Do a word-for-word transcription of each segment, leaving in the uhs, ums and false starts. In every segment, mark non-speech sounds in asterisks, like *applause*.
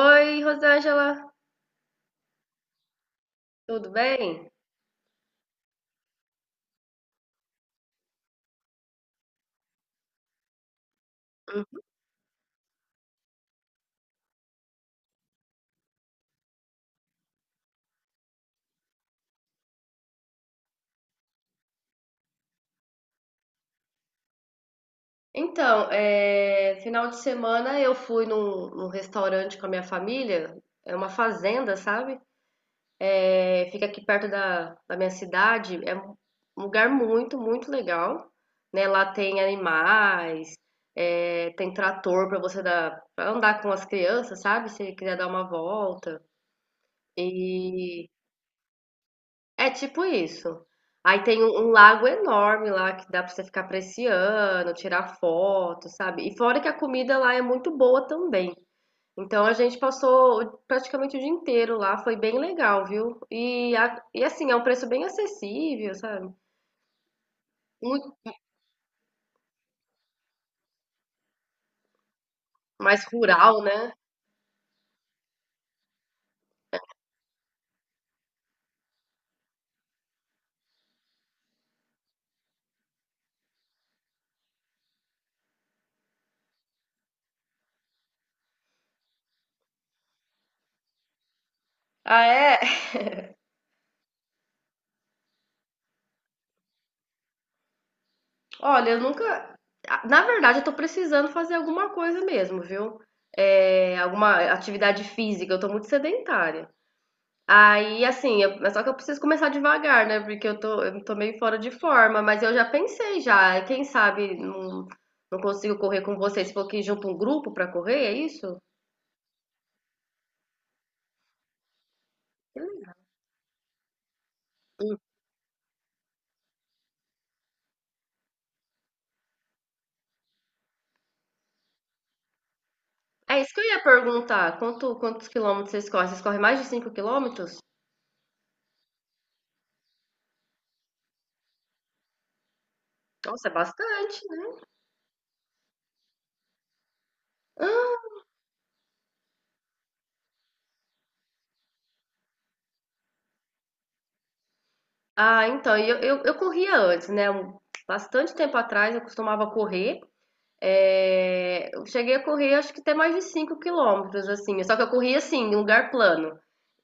Oi, Rosângela, tudo bem? Hum. Então, é, final de semana eu fui num, num restaurante com a minha família, é uma fazenda, sabe? É, fica aqui perto da, da minha cidade, é um lugar muito, muito legal, né? Lá tem animais, é, tem trator para você dar, pra andar com as crianças, sabe? Se quiser dar uma volta. E É tipo isso. Aí tem um, um lago enorme lá que dá pra você ficar apreciando, tirar foto, sabe? E fora que a comida lá é muito boa também. Então a gente passou praticamente o dia inteiro lá, foi bem legal, viu? E, a- e assim, é um preço bem acessível, sabe? Muito mais rural, né? Ah, é? Olha, eu nunca. Na verdade, eu tô precisando fazer alguma coisa mesmo, viu? É, alguma atividade física, eu tô muito sedentária. Aí, assim, eu- mas só que eu preciso começar devagar, né? Porque eu tô, eu tô meio fora de forma, mas eu já pensei já. Quem sabe não, não consigo correr com vocês. Você falou que junta um grupo pra correr, é isso? É isso que eu ia perguntar. Quanto, quantos quilômetros vocês correm? Vocês correm mais de cinco quilômetros? Nossa, é bastante, né? Ah, então, e eu, eu, eu corria antes, né? Um- Bastante tempo atrás eu costumava correr. É, eu cheguei a correr, acho que até mais de cinco quilômetros, assim. Só que eu corri assim, em lugar plano.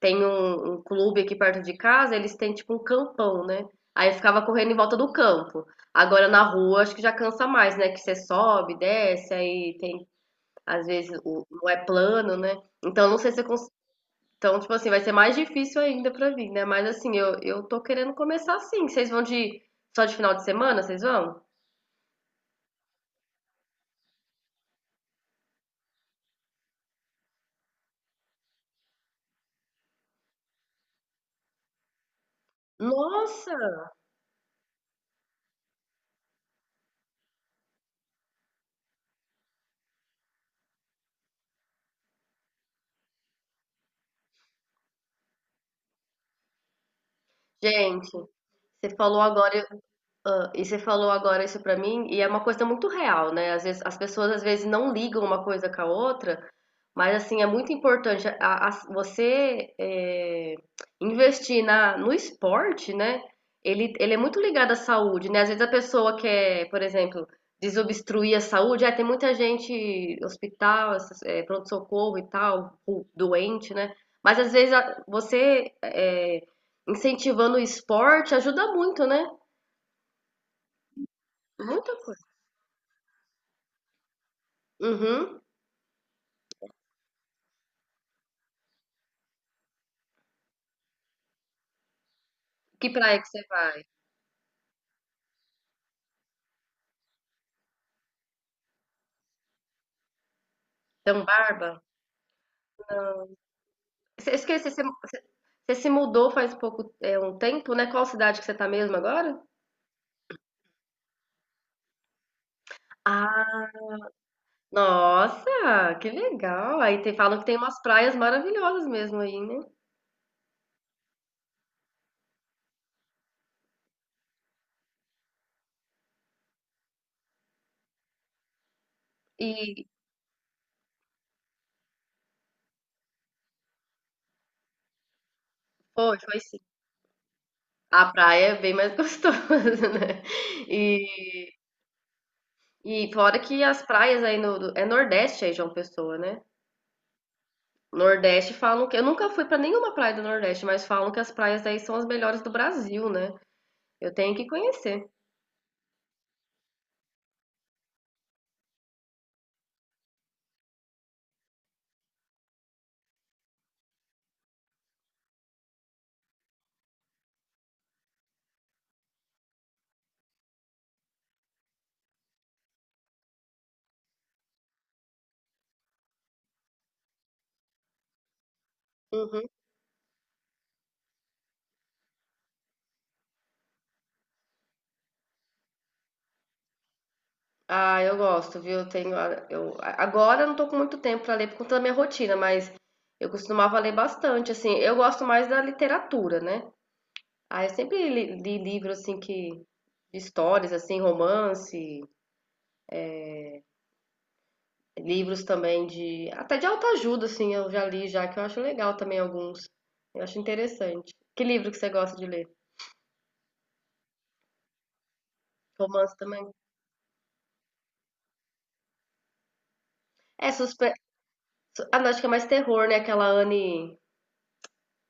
Tem um, um clube aqui perto de casa, eles têm tipo um campão, né? Aí eu ficava correndo em volta do campo. Agora na rua, acho que já cansa mais, né? Que você sobe, desce, aí tem, às vezes, o- não é plano, né? Então não sei se eu cons... Então, tipo assim, vai ser mais difícil ainda pra vir, né? Mas assim, eu, eu tô querendo começar assim. Vocês vão de só de final de semana, vocês vão? Nossa! Gente, você falou agora, Hã, e você falou agora isso pra mim, e é uma coisa muito real, né, às vezes as pessoas, às vezes, não ligam uma coisa com a outra, mas, assim, é muito importante a as você, eh, investir na no esporte, né, ele ele é muito ligado à saúde, né, às vezes a pessoa quer, por exemplo, desobstruir a saúde, ah, tem muita gente hospital, essas, eh, pronto-socorro e tal, o doente, né, mas às vezes a você, eh, incentivando o esporte ajuda muito, né, muita coisa. Uhum. Que praia que você vai? Tambarba? Você- eu esqueci, você, você- você se mudou faz pouco, é, um tempo, né? Qual cidade que você tá mesmo agora? Ah, nossa, que legal. Aí tem, falam que tem umas praias maravilhosas mesmo aí, né? E, foi, foi sim. A praia é bem mais *laughs* gostosa, né? E, e fora que as praias aí no, do- é Nordeste aí, João Pessoa, né? Nordeste falam que, eu nunca fui pra nenhuma praia do Nordeste, mas falam que as praias aí são as melhores do Brasil, né? Eu tenho que conhecer. Uhum. Ah, eu gosto, viu? Eu tenho, a- eu, a- Agora eu não tô com muito tempo pra ler por conta da minha rotina, mas eu costumava ler bastante, assim. Eu gosto mais da literatura, né? Ah, eu sempre li, li livros assim que de histórias, assim, romance, livros também de até de autoajuda, assim, eu já li já que eu acho legal também alguns. Eu acho interessante. Que livro que você gosta de ler? Romance também? É suspe... su- Ah, não, acho que é mais terror, né? Aquela Anne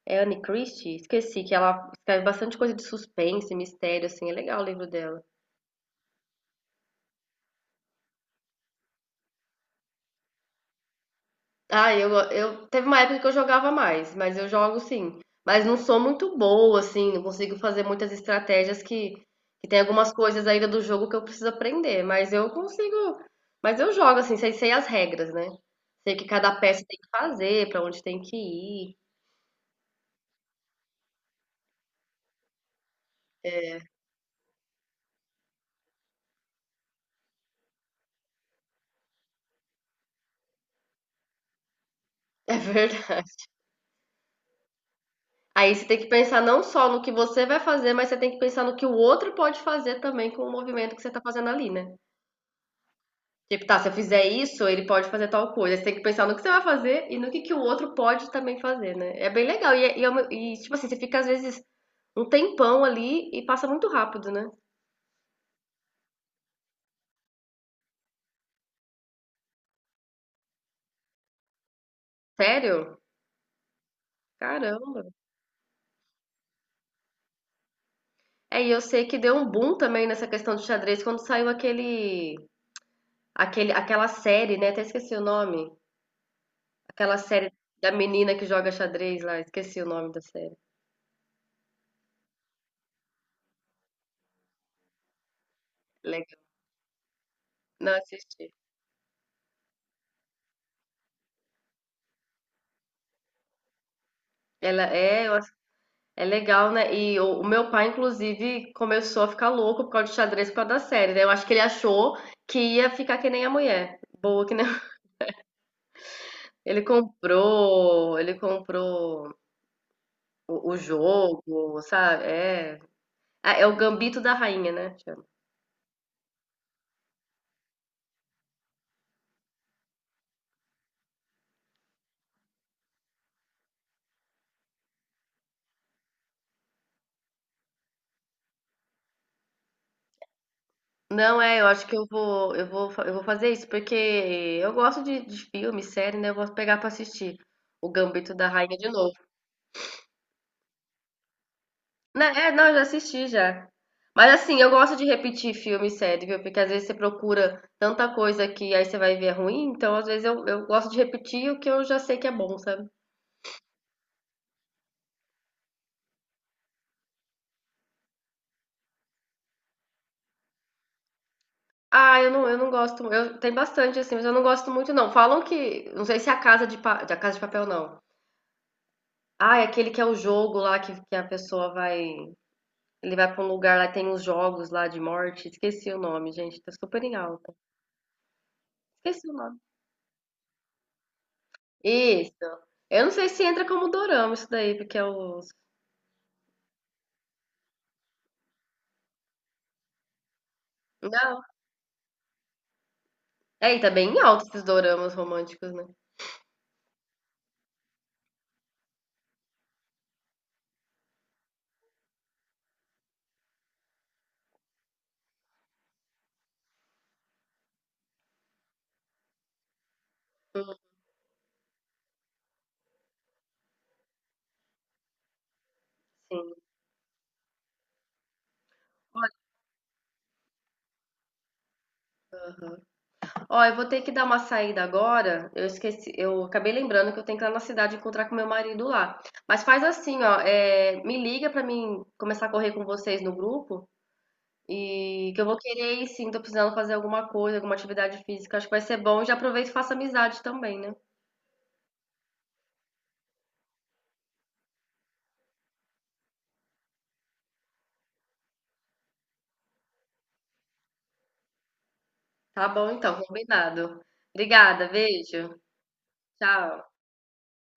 É Anne Christie? Esqueci que ela escreve bastante coisa de suspense, mistério, assim. É legal o livro dela. Ah, eu, eu teve uma época que eu jogava mais, mas eu jogo sim. Mas não sou muito boa, assim, não consigo fazer muitas estratégias que, que tem algumas coisas ainda do jogo que eu preciso aprender. Mas eu consigo. Mas eu jogo, assim, sei, sei as regras, né? Sei o que cada peça tem que fazer, pra onde tem que ir. *laughs* É verdade. Aí você tem que pensar não só no que você vai fazer, mas você tem que pensar no que o outro pode fazer também com o movimento que você tá fazendo ali, né? Tipo, tá, se eu fizer isso, ele pode fazer tal coisa. Você tem que pensar no que você vai fazer e no que, que o outro pode também fazer, né? É bem legal. E, é- e, é uma- e, tipo assim, você fica às vezes um tempão ali e passa muito rápido, né? Sério? Caramba. É, e eu sei que deu um boom também nessa questão do xadrez quando saiu aquele, aquele, aquela série, né? Até esqueci o nome. Aquela série da menina que joga xadrez lá, esqueci o nome da série. Legal. Não assisti. Ela é, eu ass- É legal, né? E o, o meu pai, inclusive, começou a ficar louco por causa de xadrez por causa da série, né? Eu acho que ele achou que ia ficar que nem a mulher. Boa que nem. *laughs* Ele comprou, ele comprou o, o jogo, sabe? É. Ah, é o Gambito da Rainha, né? Chama. Não, é, eu acho que eu vou, eu vou, fa- eu vou fazer isso, porque eu gosto de, de filme, série, né? Eu vou pegar pra assistir o Gambito da Rainha de novo. Né, é, não, eu já assisti já. Mas assim, eu gosto de repetir filme e série, viu? Porque às vezes você procura tanta coisa que aí você vai ver é ruim, então às vezes eu, eu gosto de repetir o que eu já sei que é bom, sabe? Ah, eu não, eu não gosto. Eu tem bastante assim, mas eu não gosto muito não. Falam que, não sei se é a Casa de Pa- da Casa de Papel não. Ah, é aquele que é o jogo lá que, que a pessoa vai, ele vai pra um lugar lá tem os jogos lá de morte. Esqueci o nome, gente, tá super em alta. Esqueci o nome. Isso. Eu não sei se entra como dorama isso daí, porque é o Não. É, e tá bem alto esses doramas românticos, né? Hum, sim. Ó, eu vou ter que dar uma saída agora. Eu esqueci, eu acabei lembrando que eu tenho que ir lá na cidade encontrar com meu marido lá. Mas faz assim, ó, é, me liga pra mim começar a correr com vocês no grupo e que eu vou querer ir sim, tô precisando fazer alguma coisa, alguma atividade física. Acho que vai ser bom. Já aproveito e faço amizade também, né? Tá bom, então, combinado. Obrigada, beijo. Tchau.